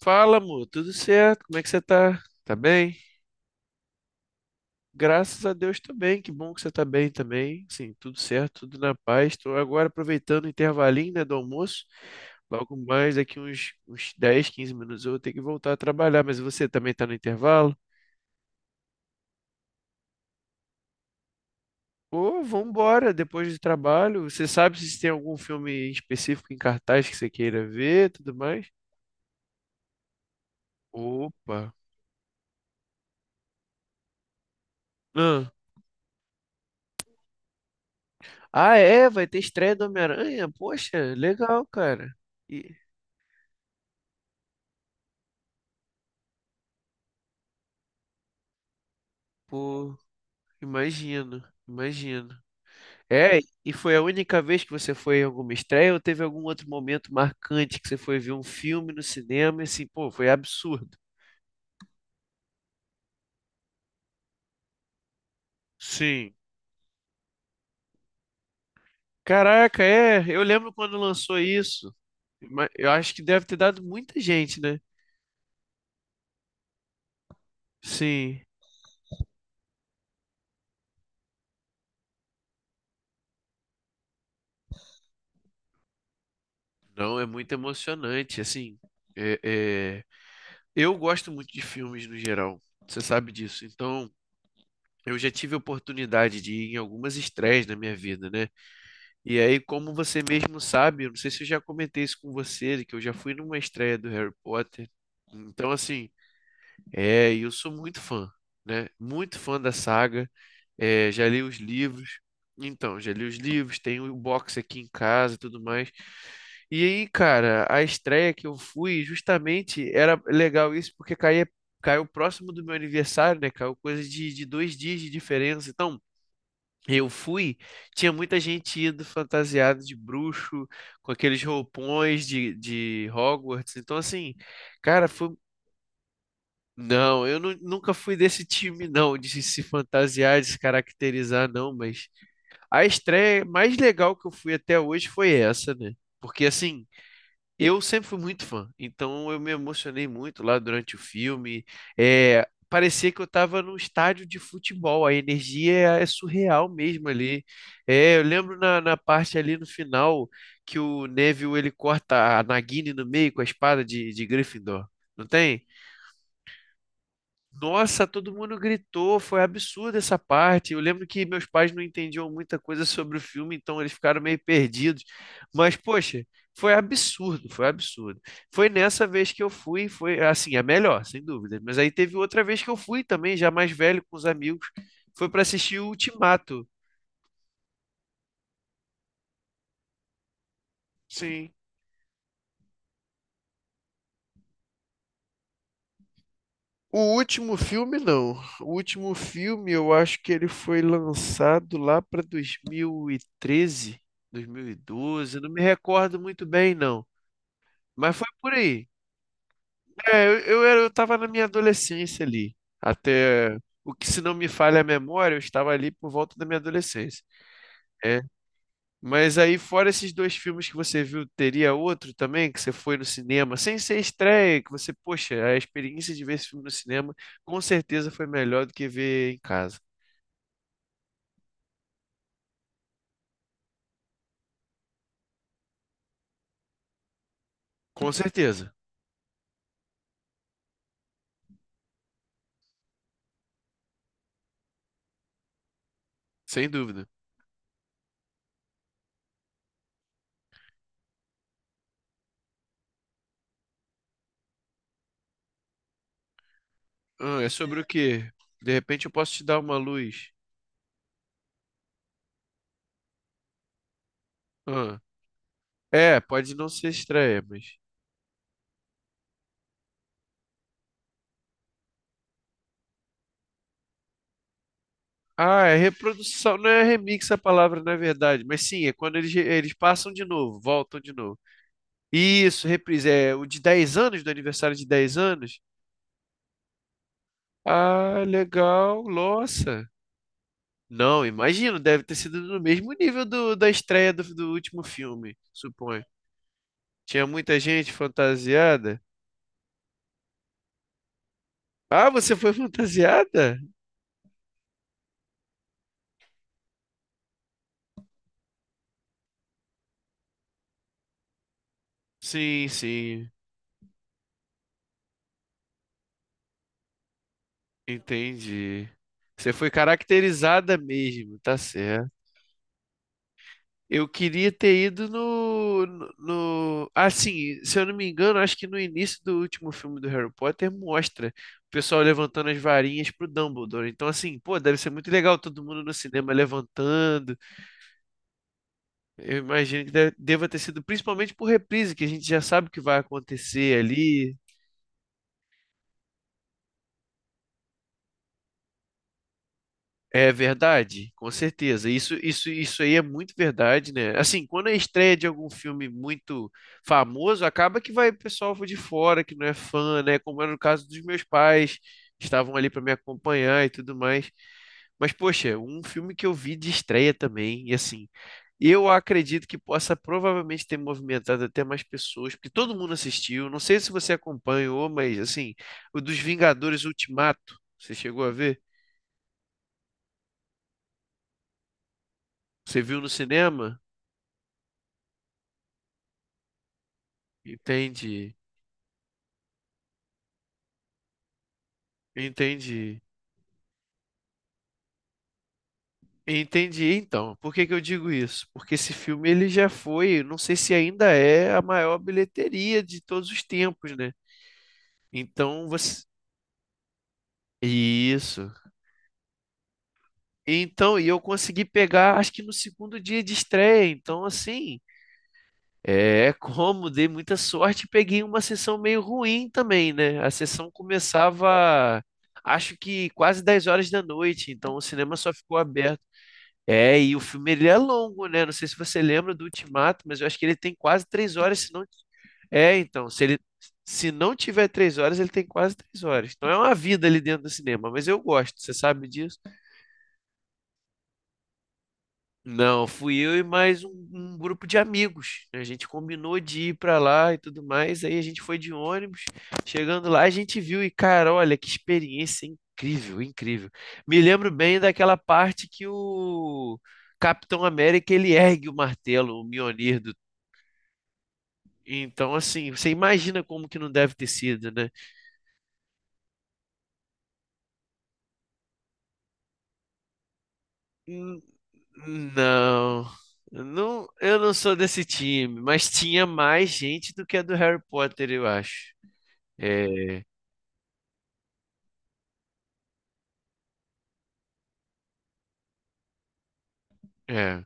Fala, amor, tudo certo? Como é que você tá? Tá bem? Graças a Deus também, que bom que você tá bem também. Sim, tudo certo, tudo na paz. Estou agora aproveitando o intervalinho, né, do almoço. Logo mais, daqui uns 10, 15 minutos eu vou ter que voltar a trabalhar, mas você também tá no intervalo? Pô, vambora, depois do trabalho. Você sabe se tem algum filme específico em cartaz que você queira ver, tudo mais? Opa. Ah, Ah, é, vai ter estreia do Homem-Aranha? Poxa, legal, cara. E, pô, Imagino, imagino. É, e foi a única vez que você foi em alguma estreia ou teve algum outro momento marcante que você foi ver um filme no cinema e assim, pô, foi absurdo. Sim. Caraca, é, eu lembro quando lançou isso. Eu acho que deve ter dado muita gente, né? Sim. Não, é muito emocionante, assim. é- é, Eu gosto muito de filmes no geral, você sabe disso. Então, eu já tive a oportunidade de ir em algumas estreias na minha vida, né? E aí, como você mesmo sabe, eu não sei se eu já comentei isso com você, que eu já fui numa estreia do Harry Potter. Então, assim, é, e eu sou muito fã, né? Muito fã da saga. É, já li os livros. Então, já li os livros, tenho o box aqui em casa e tudo mais. E aí, cara, a estreia que eu fui, justamente, era legal isso, porque caiu próximo do meu aniversário, né? Caiu coisa de dois dias de diferença. Então, eu fui, tinha muita gente indo fantasiada de bruxo, com aqueles roupões de Hogwarts. Então, assim, cara, foi. Não, eu nunca fui desse time, não, de se fantasiar, de se caracterizar, não. Mas a estreia mais legal que eu fui até hoje foi essa, né? Porque, assim, eu sempre fui muito fã, então eu me emocionei muito lá durante o filme. É, parecia que eu estava num estádio de futebol, a energia é surreal mesmo ali. É, eu lembro na parte ali no final que o Neville ele corta a Nagini no meio com a espada de Gryffindor, não tem? Nossa, todo mundo gritou, foi absurda essa parte. Eu lembro que meus pais não entendiam muita coisa sobre o filme, então eles ficaram meio perdidos. Mas, poxa, foi absurdo, foi absurdo. Foi nessa vez que eu fui, foi assim, a melhor, sem dúvida. Mas aí teve outra vez que eu fui também, já mais velho, com os amigos, foi para assistir o Ultimato. Sim. O último filme, não. O último filme, eu acho que ele foi lançado lá para 2013, 2012. Eu Não me recordo muito bem, não. Mas foi por aí. É, eu estava na minha adolescência ali. Até o que, se não me falha a memória, eu estava ali por volta da minha adolescência. É, mas aí, fora esses dois filmes que você viu, teria outro também que você foi no cinema, sem ser estreia, que você, poxa, a experiência de ver esse filme no cinema com certeza foi melhor do que ver em casa. Com certeza, sem dúvida. Ah, é sobre o quê? De repente eu posso te dar uma luz. Ah, é, pode não ser estreia, mas. Ah, é reprodução, não é remix a palavra, na verdade, mas sim, é quando eles, eles passam de novo, voltam de novo. Isso, reprise, é o de 10 anos, do aniversário de 10 anos. Ah, legal, nossa. Não, imagino, deve ter sido no mesmo nível do, da estreia do, do último filme, suponho. Tinha muita gente fantasiada. Ah, você foi fantasiada? Sim, sim, entendi. Você foi caracterizada mesmo, tá certo. Eu queria ter ido Assim, se eu não me engano, acho que no início do último filme do Harry Potter mostra o pessoal levantando as varinhas pro Dumbledore. Então, assim, pô, deve ser muito legal todo mundo no cinema levantando. Eu imagino que deva ter sido, principalmente por reprise, que a gente já sabe o que vai acontecer ali. É verdade, com certeza. Isso aí é muito verdade, né? Assim, quando é estreia de algum filme muito famoso, acaba que vai pessoal de fora que não é fã, né? Como era no caso dos meus pais, que estavam ali para me acompanhar e tudo mais. Mas, poxa, um filme que eu vi de estreia também, e assim, eu acredito que possa provavelmente ter movimentado até mais pessoas, porque todo mundo assistiu. Não sei se você acompanhou, mas assim, o dos Vingadores Ultimato, você chegou a ver? Você viu no cinema? Entendi, entendi, entendi. Então, por que que eu digo isso? Porque esse filme ele já foi, não sei se ainda é a maior bilheteria de todos os tempos, né? Então você, isso. Então, e eu consegui pegar, acho que no segundo dia de estreia. Então, assim, é como dei muita sorte, e peguei uma sessão meio ruim também, né? A sessão começava, acho que quase 10 horas da noite. Então, o cinema só ficou aberto. É, e o filme ele é longo, né? Não sei se você lembra do Ultimato, mas eu acho que ele tem quase 3 horas, se não. É, então, se ele se não tiver 3 horas, ele tem quase três horas. Então é uma vida ali dentro do cinema, mas eu gosto, você sabe disso? Não, fui eu e mais um grupo de amigos. A gente combinou de ir pra lá e tudo mais. Aí a gente foi de ônibus. Chegando lá, a gente viu e, cara, olha que experiência incrível, incrível. Me lembro bem daquela parte que o Capitão América ele ergue o martelo, o Mjolnir do... Então, assim, você imagina como que não deve ter sido, né? Hum, Não, não, eu não sou desse time, mas tinha mais gente do que a do Harry Potter, eu acho. É, É.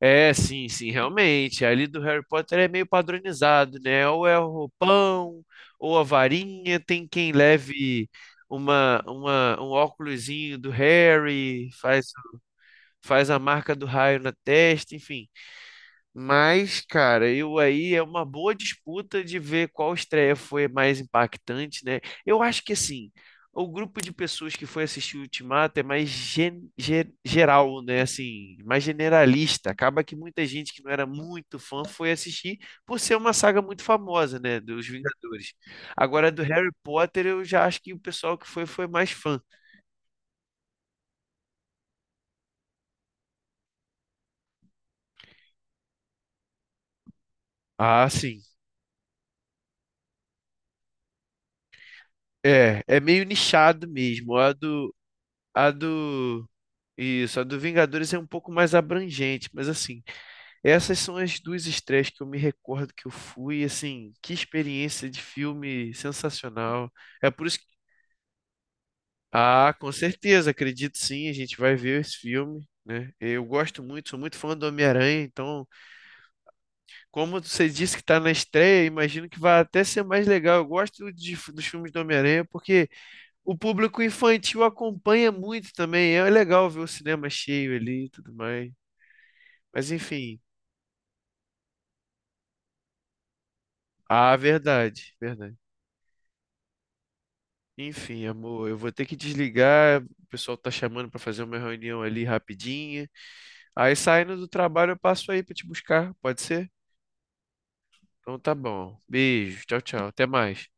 É, sim, sim, realmente. Ali do Harry Potter é meio padronizado, né? Ou é o roupão, ou a varinha, tem quem leve um óculosinho do Harry, faz, faz a marca do raio na testa, enfim. Mas, cara, eu aí é uma boa disputa de ver qual estreia foi mais impactante, né? Eu acho que assim, o grupo de pessoas que foi assistir o Ultimato é mais geral, né? Assim, mais generalista. Acaba que muita gente que não era muito fã foi assistir por ser uma saga muito famosa, né? Dos Vingadores. Agora, do Harry Potter, eu já acho que o pessoal que foi mais fã. Ah, sim. É, é meio nichado mesmo. A do Isso, a do Vingadores é um pouco mais abrangente, mas assim, essas são as duas estreias que eu me recordo que eu fui, assim, que experiência de filme sensacional. É por isso que... Ah, com certeza, acredito sim, a gente vai ver esse filme, né? Eu gosto muito, sou muito fã do Homem-Aranha, então, como você disse que está na estreia, imagino que vai até ser mais legal. Eu gosto dos filmes do Homem-Aranha porque o público infantil acompanha muito também, é legal ver o cinema cheio ali e tudo mais. Mas enfim. Ah, verdade, verdade. Enfim, amor, eu vou ter que desligar. O pessoal tá chamando pra fazer uma reunião ali rapidinha. Aí saindo do trabalho eu passo aí pra te buscar, pode ser? Então tá bom. Beijo, tchau, tchau. Até mais.